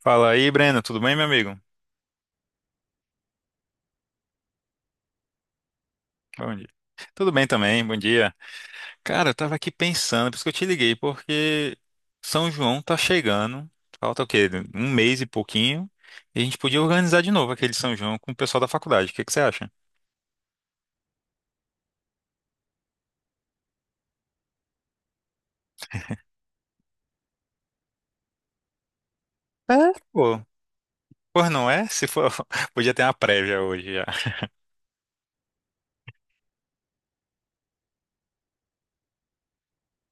Fala aí, Breno, tudo bem, meu amigo? Bom dia. Tudo bem também, bom dia. Cara, eu tava aqui pensando, por isso que eu te liguei, porque São João tá chegando, falta o quê? Um mês e pouquinho, e a gente podia organizar de novo aquele São João com o pessoal da faculdade, o que que você acha? É, pô. Pois não é? Se for, podia ter uma prévia hoje já.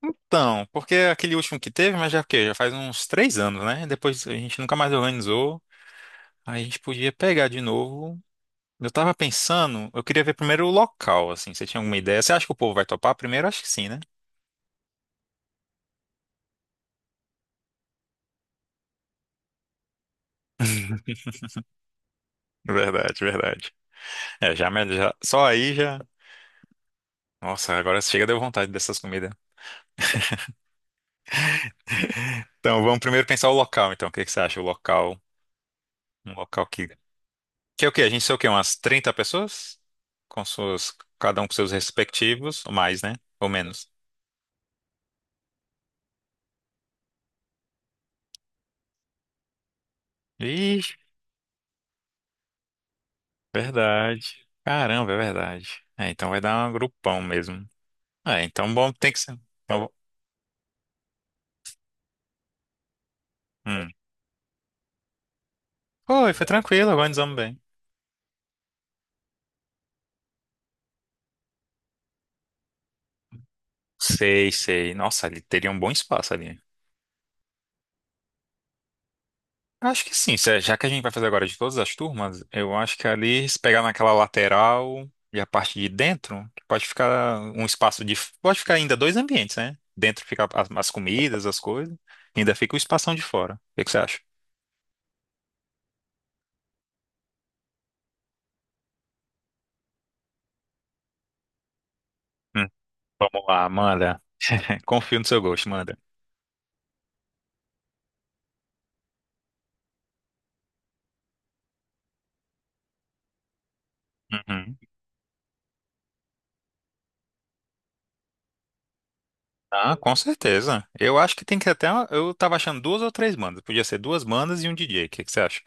Então, porque aquele último que teve, mas já o quê? Já faz uns 3 anos, né? Depois a gente nunca mais organizou. Aí a gente podia pegar de novo. Eu tava pensando, eu queria ver primeiro o local, assim. Você tinha alguma ideia? Você acha que o povo vai topar? Primeiro, acho que sim, né? Verdade, verdade. É, já, só aí já. Nossa, agora chega deu vontade dessas comidas. Então, vamos primeiro pensar o local, então. O que que você acha? O local, um local que. Que é o quê? A gente sei o quê? Umas 30 pessoas? Com suas. Cada um com seus respectivos, ou mais, né? Ou menos. Ixi, verdade. Caramba, é verdade. É, então vai dar um grupão mesmo. É, então bom, tem que ser. Então, hum. Foi, foi tranquilo, organizamos bem. Sei, sei. Nossa, ali teria um bom espaço ali. Acho que sim, é, já que a gente vai fazer agora de todas as turmas, eu acho que ali, se pegar naquela lateral e a parte de dentro, pode ficar um espaço de. Pode ficar ainda dois ambientes, né? Dentro fica as comidas, as coisas, e ainda fica o espação de fora. O que que você acha? Hum, vamos lá, manda. Confio no seu gosto, manda. Uhum. Ah, com certeza. Eu acho que tem que até. Eu tava achando duas ou três bandas. Podia ser duas bandas e um DJ. O que que você acha?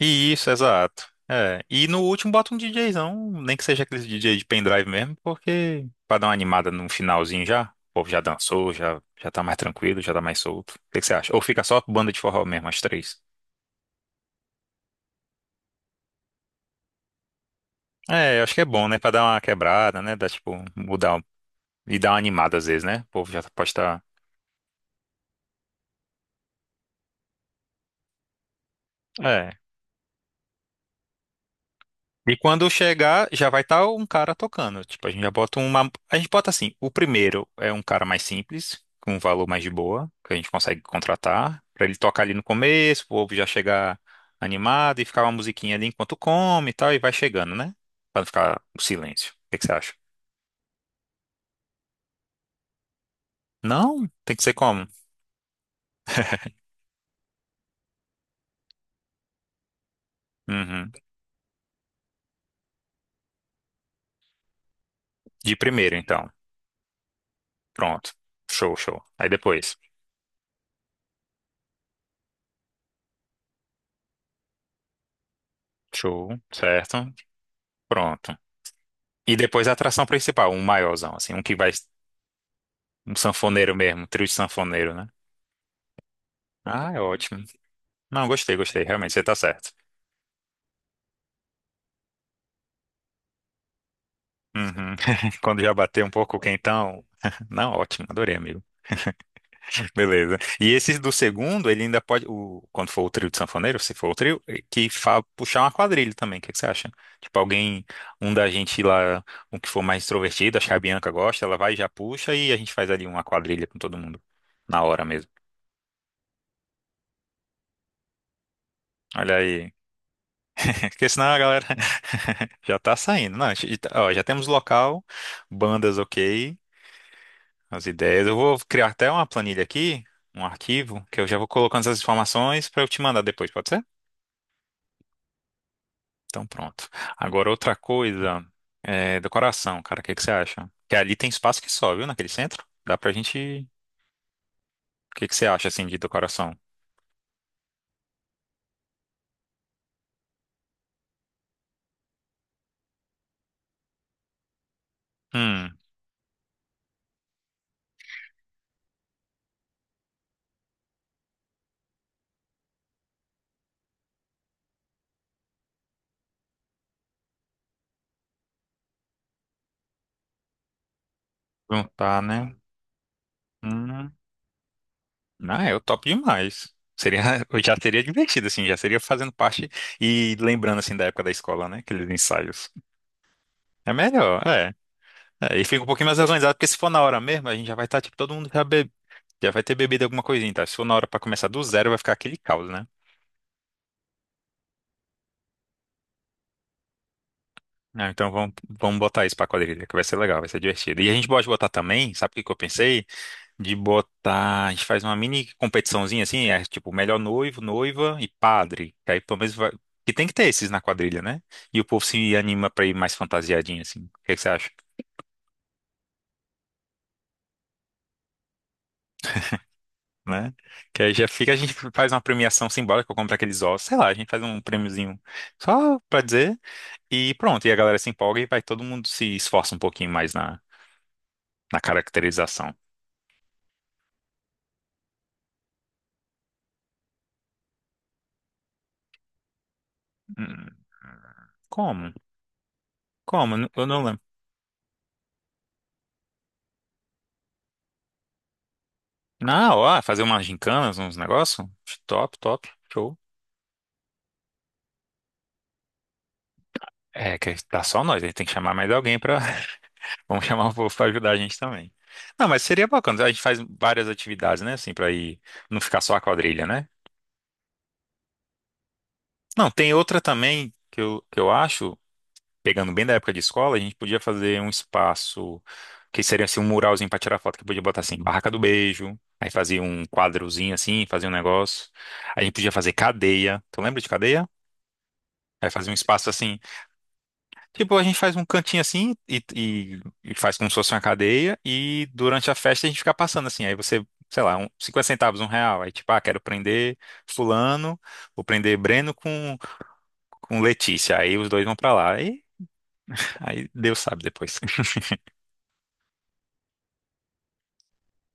Isso, exato. É. E no último bota um DJzão, nem que seja aquele DJ de pendrive mesmo, porque pra dar uma animada no finalzinho já, o povo já dançou, já, já tá mais tranquilo, já tá mais solto. O que que você acha? Ou fica só banda de forró mesmo, as três? É, eu acho que é bom, né? Pra dar uma quebrada, né? Dar, tipo, e dar uma animada às vezes, né? O povo já pode estar. E quando chegar, já vai estar um cara tocando. Tipo, a gente já bota uma. A gente bota assim: o primeiro é um cara mais simples, com um valor mais de boa, que a gente consegue contratar, pra ele tocar ali no começo, o povo já chegar animado e ficar uma musiquinha ali enquanto come e tal, e vai chegando, né? Pra não ficar o silêncio. O que que você acha? Não, tem que ser como? Uhum. De primeiro, então. Pronto. Show, show. Aí depois. Show, certo? Pronto. E depois a atração principal, um maiorzão, assim, um que vai. Um sanfoneiro mesmo, um trio de sanfoneiro, né? Ah, é ótimo. Não, gostei, gostei. Realmente, você tá certo. Uhum. Quando já bater um pouco o quentão. Não, ótimo, adorei, amigo. Beleza. E esse do segundo, ele ainda pode, o, quando for o trio de sanfoneiro, se for o trio, que fa, puxar uma quadrilha também, o que, que você acha? Tipo, alguém, um da gente lá, um que for mais extrovertido, acho que a Bianca gosta, ela vai e já puxa e a gente faz ali uma quadrilha com todo mundo, na hora mesmo. Olha aí. Porque senão a galera já tá saindo. Não, a gente ó, já temos local, bandas ok, as ideias. Eu vou criar até uma planilha aqui, um arquivo, que eu já vou colocando essas informações para eu te mandar depois, pode ser? Então pronto. Agora outra coisa, é, decoração, cara, o que que você acha? Que ali tem espaço que só, viu, naquele centro? Dá pra gente. O que que você acha assim de decoração? Hum, juntar, né? Hum. Ah, eu topo demais. Seria, eu já teria divertido, assim, já seria fazendo parte e lembrando, assim, da época da escola, né? Aqueles ensaios. É melhor, é. É, e fica um pouquinho mais organizado, porque se for na hora mesmo, a gente já vai estar, tipo, todo mundo já, be... já vai ter bebido alguma coisinha, tá? Se for na hora pra começar do zero, vai ficar aquele caos, né? Ah, então vamos, vamos botar isso pra quadrilha, que vai ser legal, vai ser divertido. E a gente pode botar também, sabe o que que eu pensei? De botar. A gente faz uma mini competiçãozinha assim, é tipo melhor noivo, noiva e padre. Que aí pelo menos vai. Que tem que ter esses na quadrilha, né? E o povo se anima pra ir mais fantasiadinho, assim. O que que você acha? Né? Que aí já fica, a gente faz uma premiação simbólica, eu compro aqueles ossos, sei lá, a gente faz um prêmiozinho só pra dizer. E pronto, e a galera se empolga e vai todo mundo se esforça um pouquinho mais na, na caracterização. Hum, como? Como? Eu não lembro. Na hora, fazer umas gincana, uns negócios? Top, top. Show. É, que tá só nós, aí tem que chamar mais alguém pra. Vamos chamar o povo pra ajudar a gente também. Não, mas seria bacana. A gente faz várias atividades, né? Assim, pra ir. Não ficar só a quadrilha, né? Não, tem outra também que eu acho, pegando bem da época de escola, a gente podia fazer um espaço que seria assim um muralzinho pra tirar foto, que podia botar assim, barraca do beijo. Aí fazia um quadrozinho assim, fazia um negócio. A gente podia fazer cadeia. Tu lembra de cadeia? Aí fazia um espaço assim. Tipo, a gente faz um cantinho assim e faz como se fosse uma cadeia e durante a festa a gente fica passando assim. Aí você, sei lá, um, 50 centavos, um real. Aí tipo, ah, quero prender fulano, vou prender Breno com Letícia. Aí os dois vão pra lá. E aí Deus sabe depois.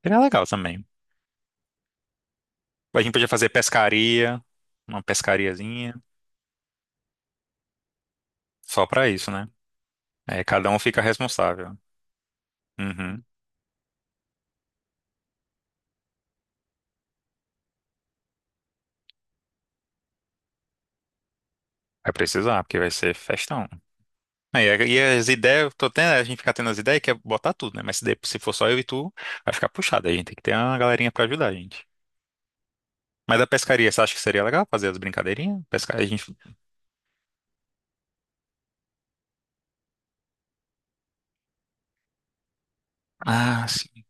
Seria legal também. A gente podia fazer pescaria, uma pescariazinha, só pra isso, né? Aí cada um fica responsável. Uhum. Vai precisar, porque vai ser festão. Aí, é, e as ideias, tô tendo, a gente fica tendo as ideias que é botar tudo, né? Mas se, se for só eu e tu, vai ficar puxado. Aí a gente tem que ter uma galerinha pra ajudar a gente. Mas da pescaria, você acha que seria legal fazer as brincadeirinhas? Pescar, a gente. Ah, sim,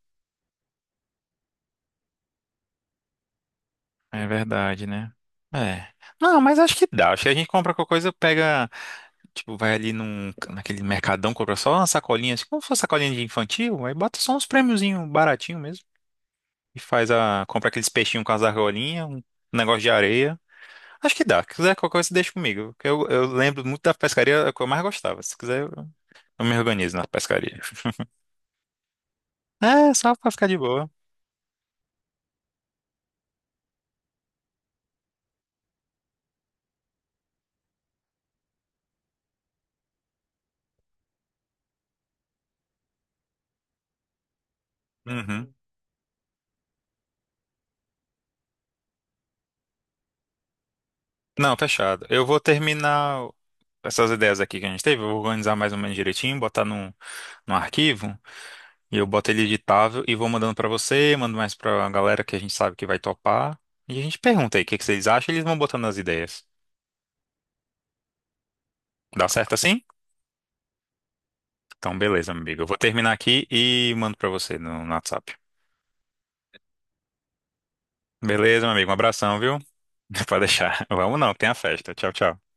é verdade, né? É. Não, mas acho que dá. Acho que a gente compra qualquer coisa, pega, tipo, vai ali num, naquele mercadão, compra só uma sacolinha, assim, como se fosse sacolinha de infantil, aí bota só uns prêmiozinhos baratinho mesmo. E faz a. Compra aqueles peixinhos com as argolinhas, um negócio de areia. Acho que dá. Se quiser qualquer coisa, deixa comigo. Que Eu lembro muito da pescaria, é que eu mais gostava. Se quiser, eu me organizo na pescaria. É, só pra ficar de boa. Uhum. Não, fechado. Eu vou terminar essas ideias aqui que a gente teve, eu vou organizar mais ou menos direitinho, botar num, num arquivo, e eu boto ele editável e vou mandando pra você, mando mais pra galera que a gente sabe que vai topar. E a gente pergunta aí o que que vocês acham, e eles vão botando as ideias. Dá certo assim? Então, beleza, meu amigo. Eu vou terminar aqui e mando pra você no WhatsApp. Beleza, meu amigo. Um abração, viu? Pode deixar. Vamos não, tem a festa. Tchau, tchau.